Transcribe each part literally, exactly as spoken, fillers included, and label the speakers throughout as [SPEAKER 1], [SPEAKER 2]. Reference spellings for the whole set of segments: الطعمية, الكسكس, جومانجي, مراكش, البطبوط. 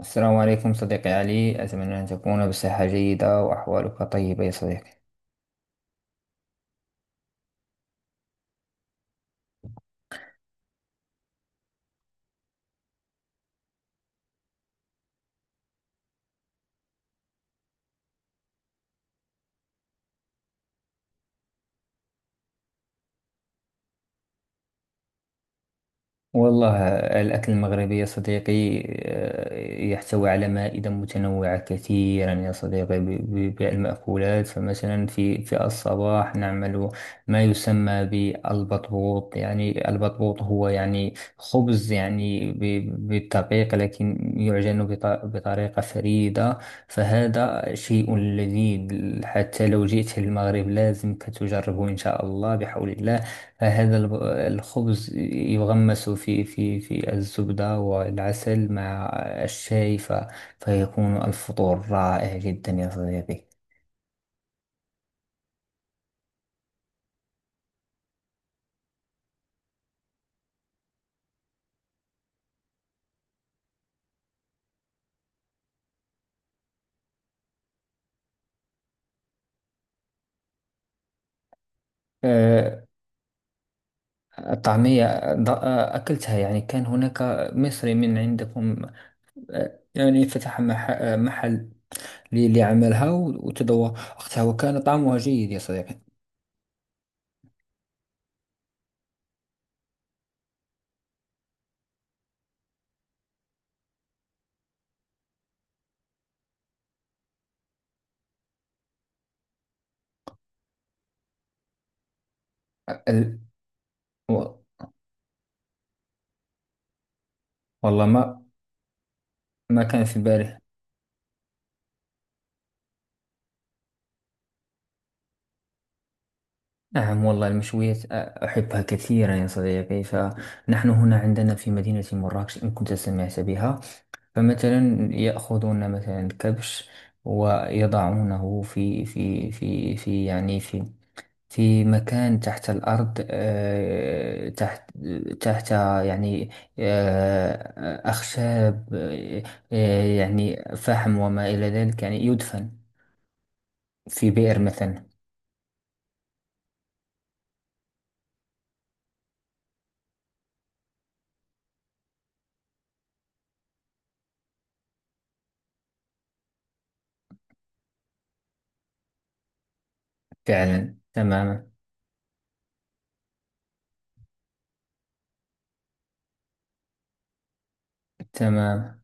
[SPEAKER 1] السلام عليكم صديقي علي، أتمنى أن تكون بصحة جيدة وأحوالك طيبة يا صديقي. والله الأكل المغربي يا صديقي آه، يحتوي على مائدة متنوعة كثيرا يا صديقي، ب- ب- بالمأكولات. فمثلا في في الصباح نعمل ما يسمى بالبطبوط، يعني البطبوط هو يعني خبز يعني ب- بالدقيق، لكن يعجن بط- بطريقة فريدة. فهذا شيء لذيذ، حتى لو جئت المغرب لازم تجربه إن شاء الله بحول الله. هذا الب- الخبز يغمس في في في الزبدة والعسل مع الشاي، ف- فيكون الفطور رائع جدا يا صديقي. آه، الطعمية ض- آه، أكلتها، يعني كان هناك مصري من عندكم، آه، يعني فتح مح- آه، محل ل- ليعملها وتذوقتها وكان طعمها جيد يا صديقي. ال- و- والله ما ما كان في بالي. نعم، والله المشويات آه، أحبها كثيرا يا صديقي. فنحن هنا عندنا في مدينة مراكش، إن كنت سمعت بها، فمثلا يأخذون مثلا كبش ويضعونه في في في في يعني في في مكان تحت الأرض، آه، تحت تحت يعني آه، أخشاب، آه، آه، يعني فحم وما إلى ذلك، يعني يدفن في بئر مثلا. فعلا تماما. تمام.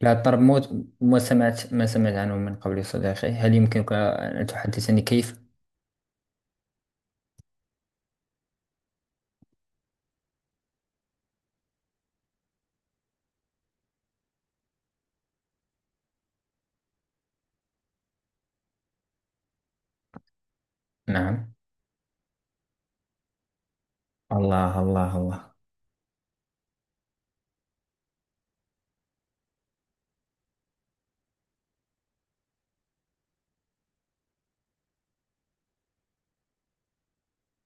[SPEAKER 1] لا، الطرب موت، ما سمعت ما سمعت عنه من قبل صديقي، هل يمكنك أن تحدثني كيف؟ نعم. الله الله الله.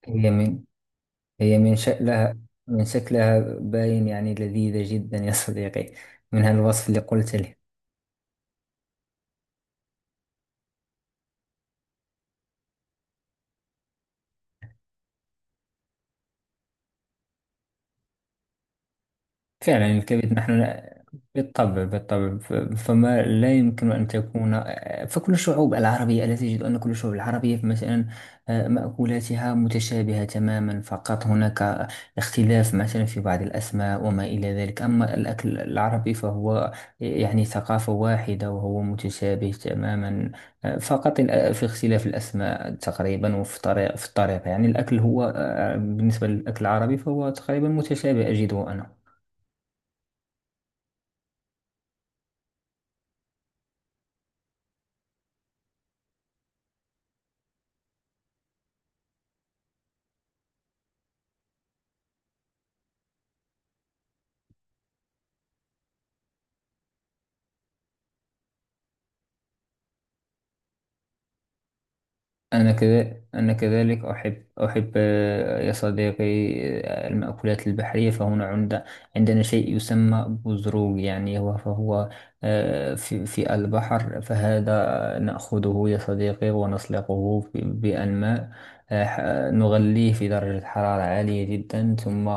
[SPEAKER 1] هي من هي من شكلها، من شكلها باين يعني لذيذة جدا يا صديقي، من هالوصف اللي قلت لي. فعلا يرتبط نحن، بالطبع بالطبع، ف- فما لا يمكن أن تكون، فكل الشعوب العربية، ألا تجد أن كل الشعوب العربية مثلا آه، مأكولاتها متشابهة تماما، فقط هناك اختلاف مثلا في بعض الأسماء وما إلى ذلك. أما الأكل العربي فهو يعني ثقافة واحدة وهو متشابه تماما. آه، فقط الأ- في اختلاف الأسماء تقريبا، وفي طريقة، في الطريقة، يعني الأكل هو آه، بالنسبة للأكل العربي فهو تقريبا متشابه أجده أنا. أنا كذا أنا كذلك أحب أحب آه، يا صديقي آه، المأكولات البحرية. فهنا عند عندنا شيء يسمى بزروق، يعني هو فهو آه، في في البحر، فهذا نأخذه يا صديقي ونسلقه ب- بأنماء، آه، ح- نغليه في درجة حرارة عالية جدا، ثم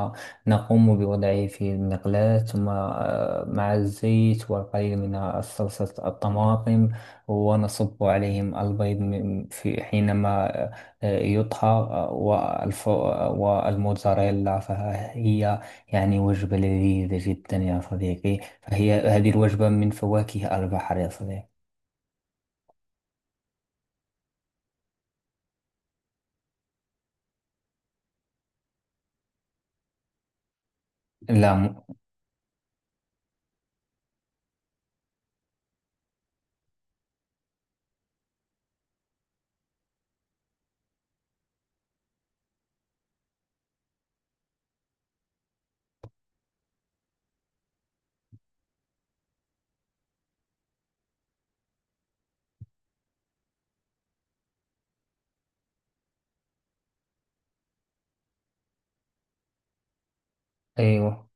[SPEAKER 1] نقوم بوضعه في المقلاة، ثم آه، مع الزيت والقليل من صلصة الطماطم، ونصب عليهم البيض من- في حينما آه، يطهى، آه، والف- آه، والموتزاريلا. فهي يعني وجبة لذيذة جدا يا صديقي، فهي هذه الوجبة من فواكه البحر يا صديقي. لا م... أيوه.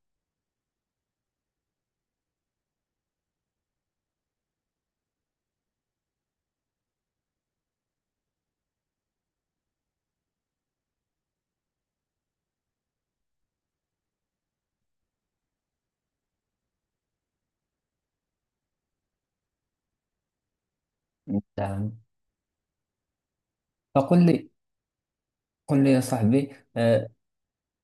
[SPEAKER 1] نعم، فقل لي، قل لي يا صاحبي، آه،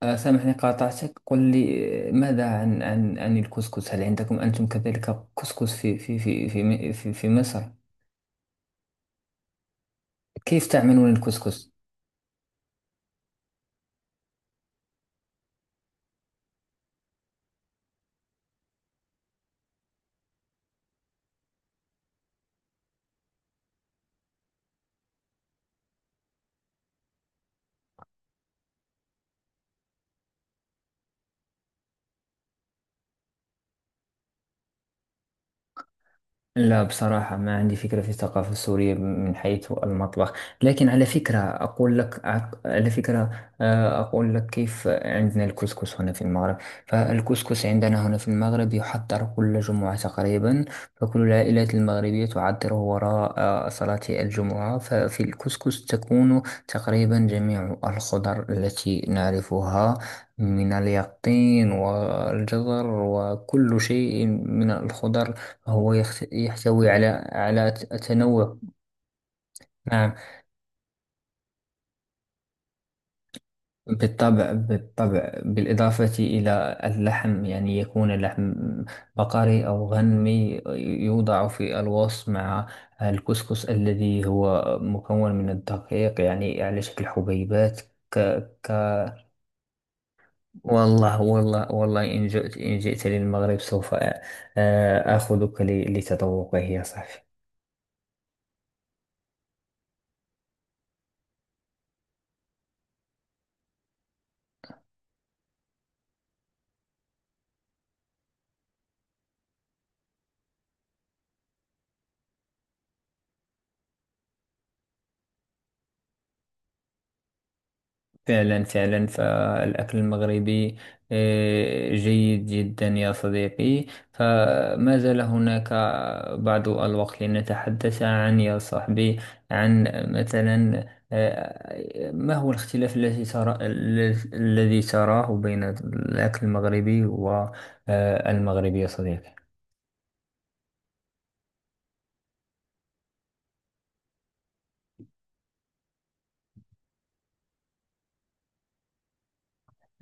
[SPEAKER 1] آه، سامحني قاطعتك، قل لي آه، ماذا عن عن عن الكسكس؟ هل عندكم أنتم كذلك كسكس في في في في في, في مصر؟ كيف تعملون الكسكس؟ لا بصراحة ما عندي فكرة في الثقافة السورية من حيث المطبخ، لكن على فكرة أقول لك، أق- على فكرة آه، أقول لك كيف عندنا الكسكس هنا في المغرب. فالكسكس عندنا هنا في المغرب يحضر كل جمعة تقريبا، فكل العائلات المغربية تعطره وراء آه، صلاة الجمعة. ففي الكسكس تكون تقريبا جميع الخضر التي نعرفها، من اليقطين والجزر وكل شيء من الخضر، هو يخت- يحتوي على على ت- تنوع. نعم بالطبع بالطبع، بالإضافة إلى اللحم، يعني يكون اللحم بقري أو غنمي، يوضع في الوصف مع الكسكس الذي هو مكون من الدقيق، يعني على شكل حبيبات. ك ك والله والله والله إن جئت، إن جئت للمغرب سوف آ- آ- آخذك ل- لتذوقه يا صاحبي. فعلا فعلا فالأكل المغربي آه، جيد جدا يا صديقي. فما زال هناك بعض الوقت لنتحدث عن، يا صاحبي، عن مثلا آه، ما هو الاختلاف الذي ترى الذي تراه بين الأكل المغربي والمغربي يا صديقي.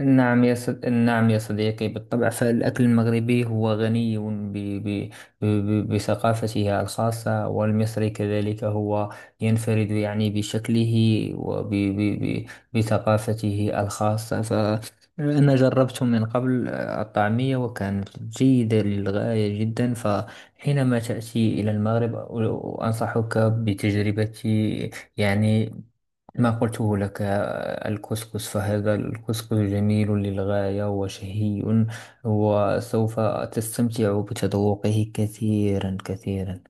[SPEAKER 1] نعم يا صد... نعم يا صديقي، بالطبع فالأكل المغربي هو غني ب... ب... ب... بثقافته الخاصة، والمصري كذلك هو ينفرد يعني بشكله وب... ب... ب... بثقافته الخاصة. فأنا جربت من قبل الطعمية وكانت جيدة للغاية جدا، فحينما تأتي إلى المغرب أنصحك بتجربة يعني ما قلته لك، آه، الكسكس. فهذا الكسكس جميل للغاية وشهي، وسوف تستمتع بتذوقه كثيرا كثيرا.